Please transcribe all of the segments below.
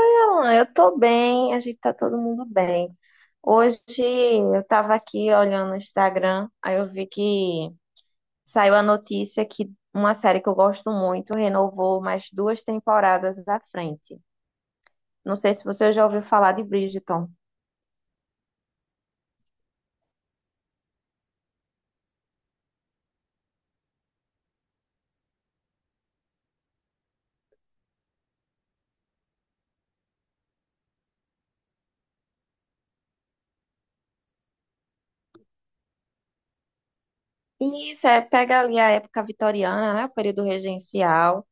Alan, eu tô bem, a gente tá todo mundo bem. Hoje eu tava aqui olhando o Instagram, aí eu vi que saiu a notícia que uma série que eu gosto muito renovou mais duas temporadas à frente. Não sei se você já ouviu falar de Bridgerton. E isso é, pega ali a época vitoriana, né, o período regencial.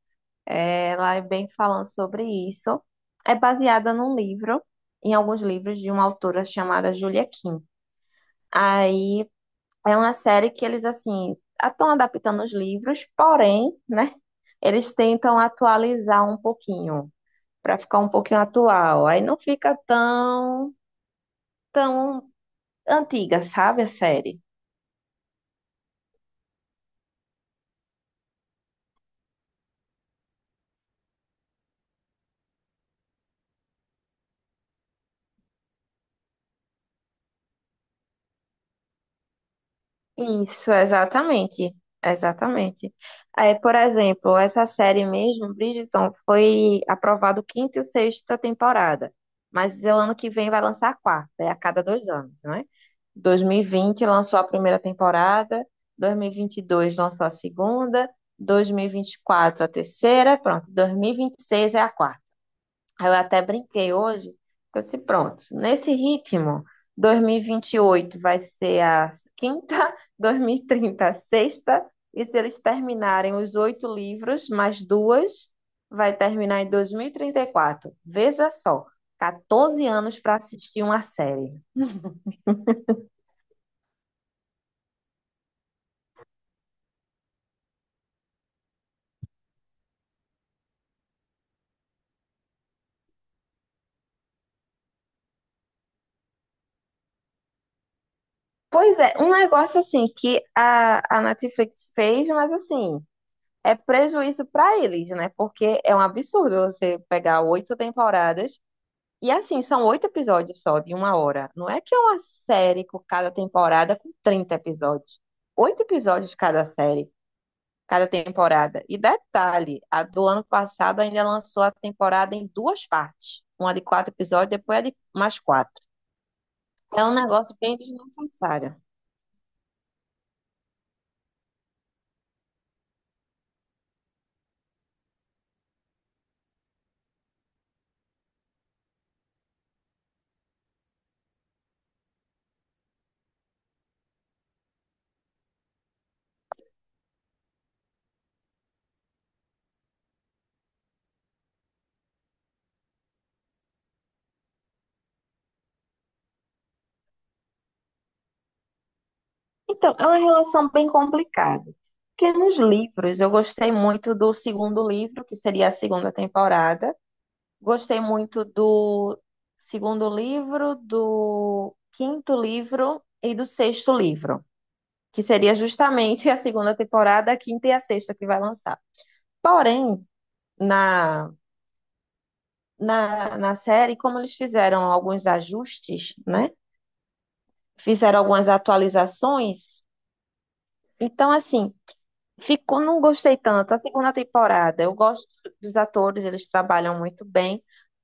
É, ela é bem falando sobre isso. É baseada num livro, em alguns livros de uma autora chamada Julia Kim. Aí é uma série que eles, assim, estão adaptando os livros, porém, né, eles tentam atualizar um pouquinho, para ficar um pouquinho atual. Aí não fica tão antiga, sabe, a série. Isso, exatamente. Exatamente. É, por exemplo, essa série mesmo, Bridgerton, foi aprovado quinta e sexta temporada. Mas o ano que vem vai lançar a quarta, é a cada dois anos, não é? 2020 lançou a primeira temporada, dois mil e vinte e dois lançou a segunda, dois mil e vinte e quatro a terceira, pronto, dois mil e vinte e seis é a quarta. Aí eu até brinquei hoje, que eu disse, pronto, nesse ritmo, 2028 vai ser a quinta, 2030 a sexta, e se eles terminarem os oito livros, mais duas, vai terminar em 2034. Veja só, 14 anos para assistir uma série. Pois é, um negócio assim que a Netflix fez, mas assim, é prejuízo para eles, né? Porque é um absurdo você pegar oito temporadas. E assim, são oito episódios só, de uma hora. Não é que é uma série com cada temporada com 30 episódios. Oito episódios cada série, cada temporada. E detalhe, a do ano passado ainda lançou a temporada em duas partes. Uma de quatro episódios, depois a de mais quatro. É um negócio bem desnecessário. Então, é uma relação bem complicada. Porque nos livros, eu gostei muito do segundo livro, que seria a segunda temporada. Gostei muito do segundo livro, do quinto livro e do sexto livro, que seria justamente a segunda temporada, a quinta e a sexta que vai lançar. Porém, na, na série, como eles fizeram alguns ajustes, né? Fizeram algumas atualizações. Então, assim, ficou, não gostei tanto. A segunda temporada, eu gosto dos atores, eles trabalham muito bem.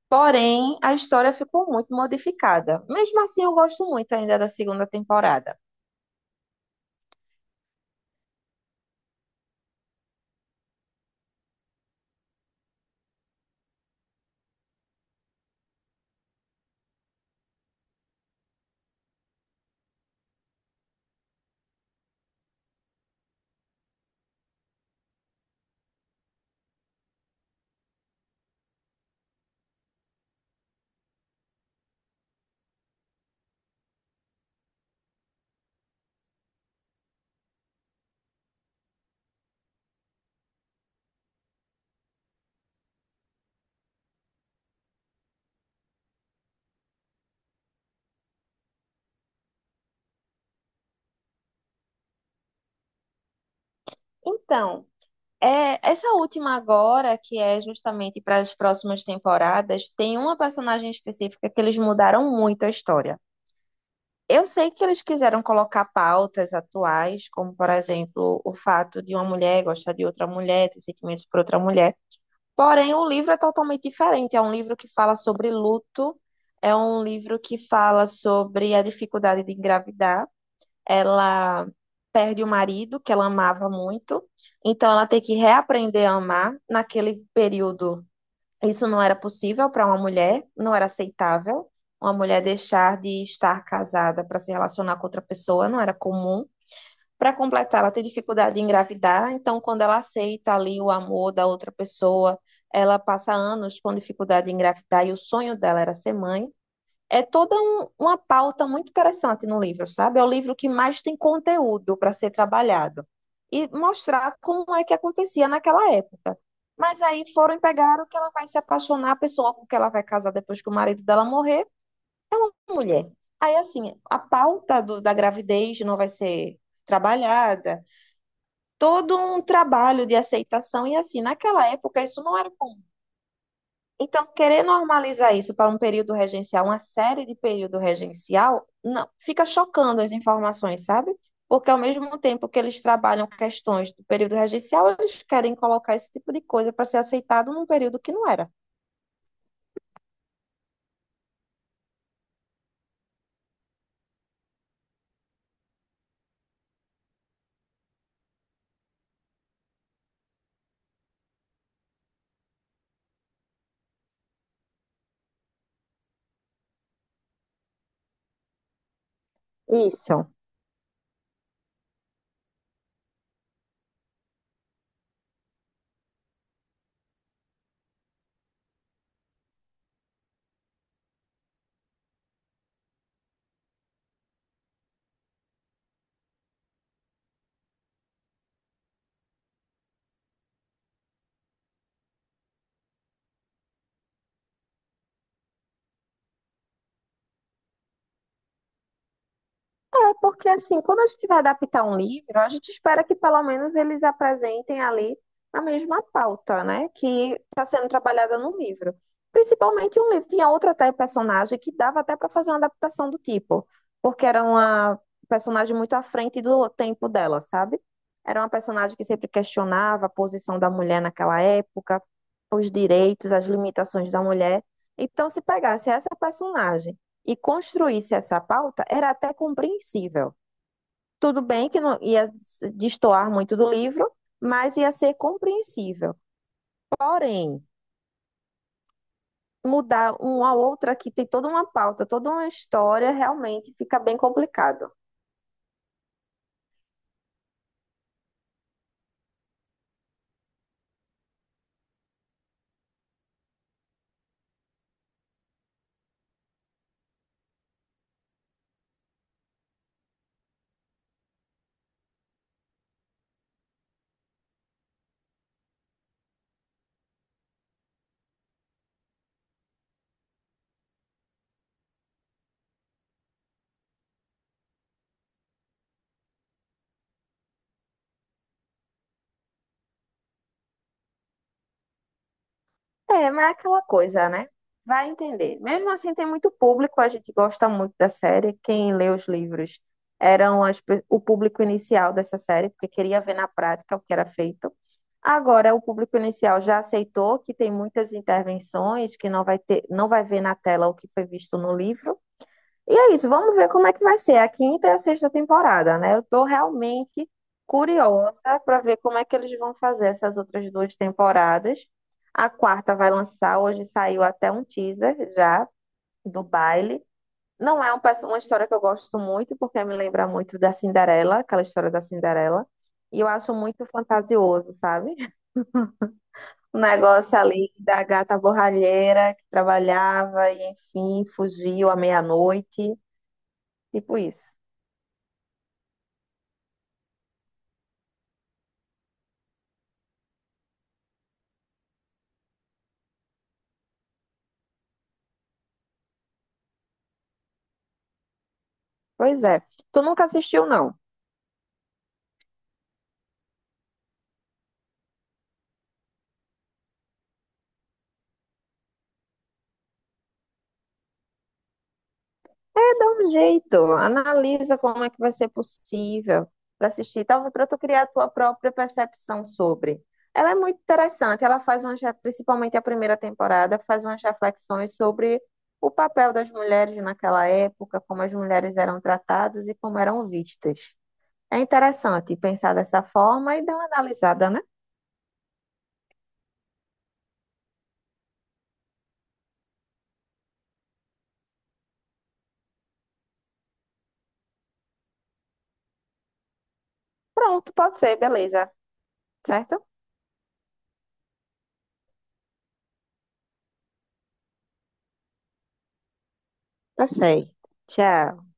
Porém, a história ficou muito modificada. Mesmo assim, eu gosto muito ainda da segunda temporada. Então, é, essa última agora, que é justamente para as próximas temporadas, tem uma personagem específica que eles mudaram muito a história. Eu sei que eles quiseram colocar pautas atuais, como, por exemplo, o fato de uma mulher gostar de outra mulher, ter sentimentos por outra mulher. Porém, o livro é totalmente diferente. É um livro que fala sobre luto, é um livro que fala sobre a dificuldade de engravidar. Ela perde o marido, que ela amava muito, então ela tem que reaprender a amar. Naquele período, isso não era possível para uma mulher, não era aceitável. Uma mulher deixar de estar casada para se relacionar com outra pessoa não era comum. Para completar, ela tem dificuldade em engravidar, então quando ela aceita ali o amor da outra pessoa, ela passa anos com dificuldade em engravidar e o sonho dela era ser mãe. É toda uma pauta muito interessante no livro, sabe? É o livro que mais tem conteúdo para ser trabalhado e mostrar como é que acontecia naquela época. Mas aí foram e pegaram que ela vai se apaixonar, a pessoa com que ela vai casar depois que o marido dela morrer, mulher. Aí, assim, a pauta da gravidez não vai ser trabalhada, todo um trabalho de aceitação e assim, naquela época isso não era comum. Então, querer normalizar isso para um período regencial, uma série de período regencial, não, fica chocando as informações, sabe? Porque ao mesmo tempo que eles trabalham questões do período regencial, eles querem colocar esse tipo de coisa para ser aceitado num período que não era. Isso. É, porque assim, quando a gente vai adaptar um livro, a gente espera que pelo menos eles apresentem ali a mesma pauta, né, que está sendo trabalhada no livro. Principalmente um livro tinha outra até personagem que dava até para fazer uma adaptação do tipo, porque era uma personagem muito à frente do tempo dela, sabe? Era uma personagem que sempre questionava a posição da mulher naquela época, os direitos, as limitações da mulher. Então, se pegasse essa personagem e construísse essa pauta, era até compreensível. Tudo bem que não ia destoar muito do livro, mas ia ser compreensível. Porém, mudar uma outra que tem toda uma pauta, toda uma história, realmente fica bem complicado. É, mas é aquela coisa, né? Vai entender. Mesmo assim, tem muito público, a gente gosta muito da série. Quem lê os livros eram as o público inicial dessa série, porque queria ver na prática o que era feito. Agora, o público inicial já aceitou que tem muitas intervenções, que não vai ter, não vai ver na tela o que foi visto no livro. E é isso, vamos ver como é que vai ser a quinta e a sexta temporada, né? Eu tô realmente curiosa para ver como é que eles vão fazer essas outras duas temporadas. A quarta vai lançar, hoje saiu até um teaser já do baile. Não é um uma história que eu gosto muito, porque me lembra muito da Cinderela, aquela história da Cinderela. E eu acho muito fantasioso, sabe? O negócio ali da gata borralheira que trabalhava e, enfim, fugiu à meia-noite, tipo isso. Pois é. Tu nunca assistiu, não? É, dá um jeito. Analisa como é que vai ser possível para assistir, talvez para tu criar a tua própria percepção sobre. Ela é muito interessante. Ela faz uma principalmente a primeira temporada, faz umas reflexões sobre o papel das mulheres naquela época, como as mulheres eram tratadas e como eram vistas. É interessante pensar dessa forma e dar uma analisada, né? Pronto, pode ser, beleza. Certo? Tá sei. Tchau.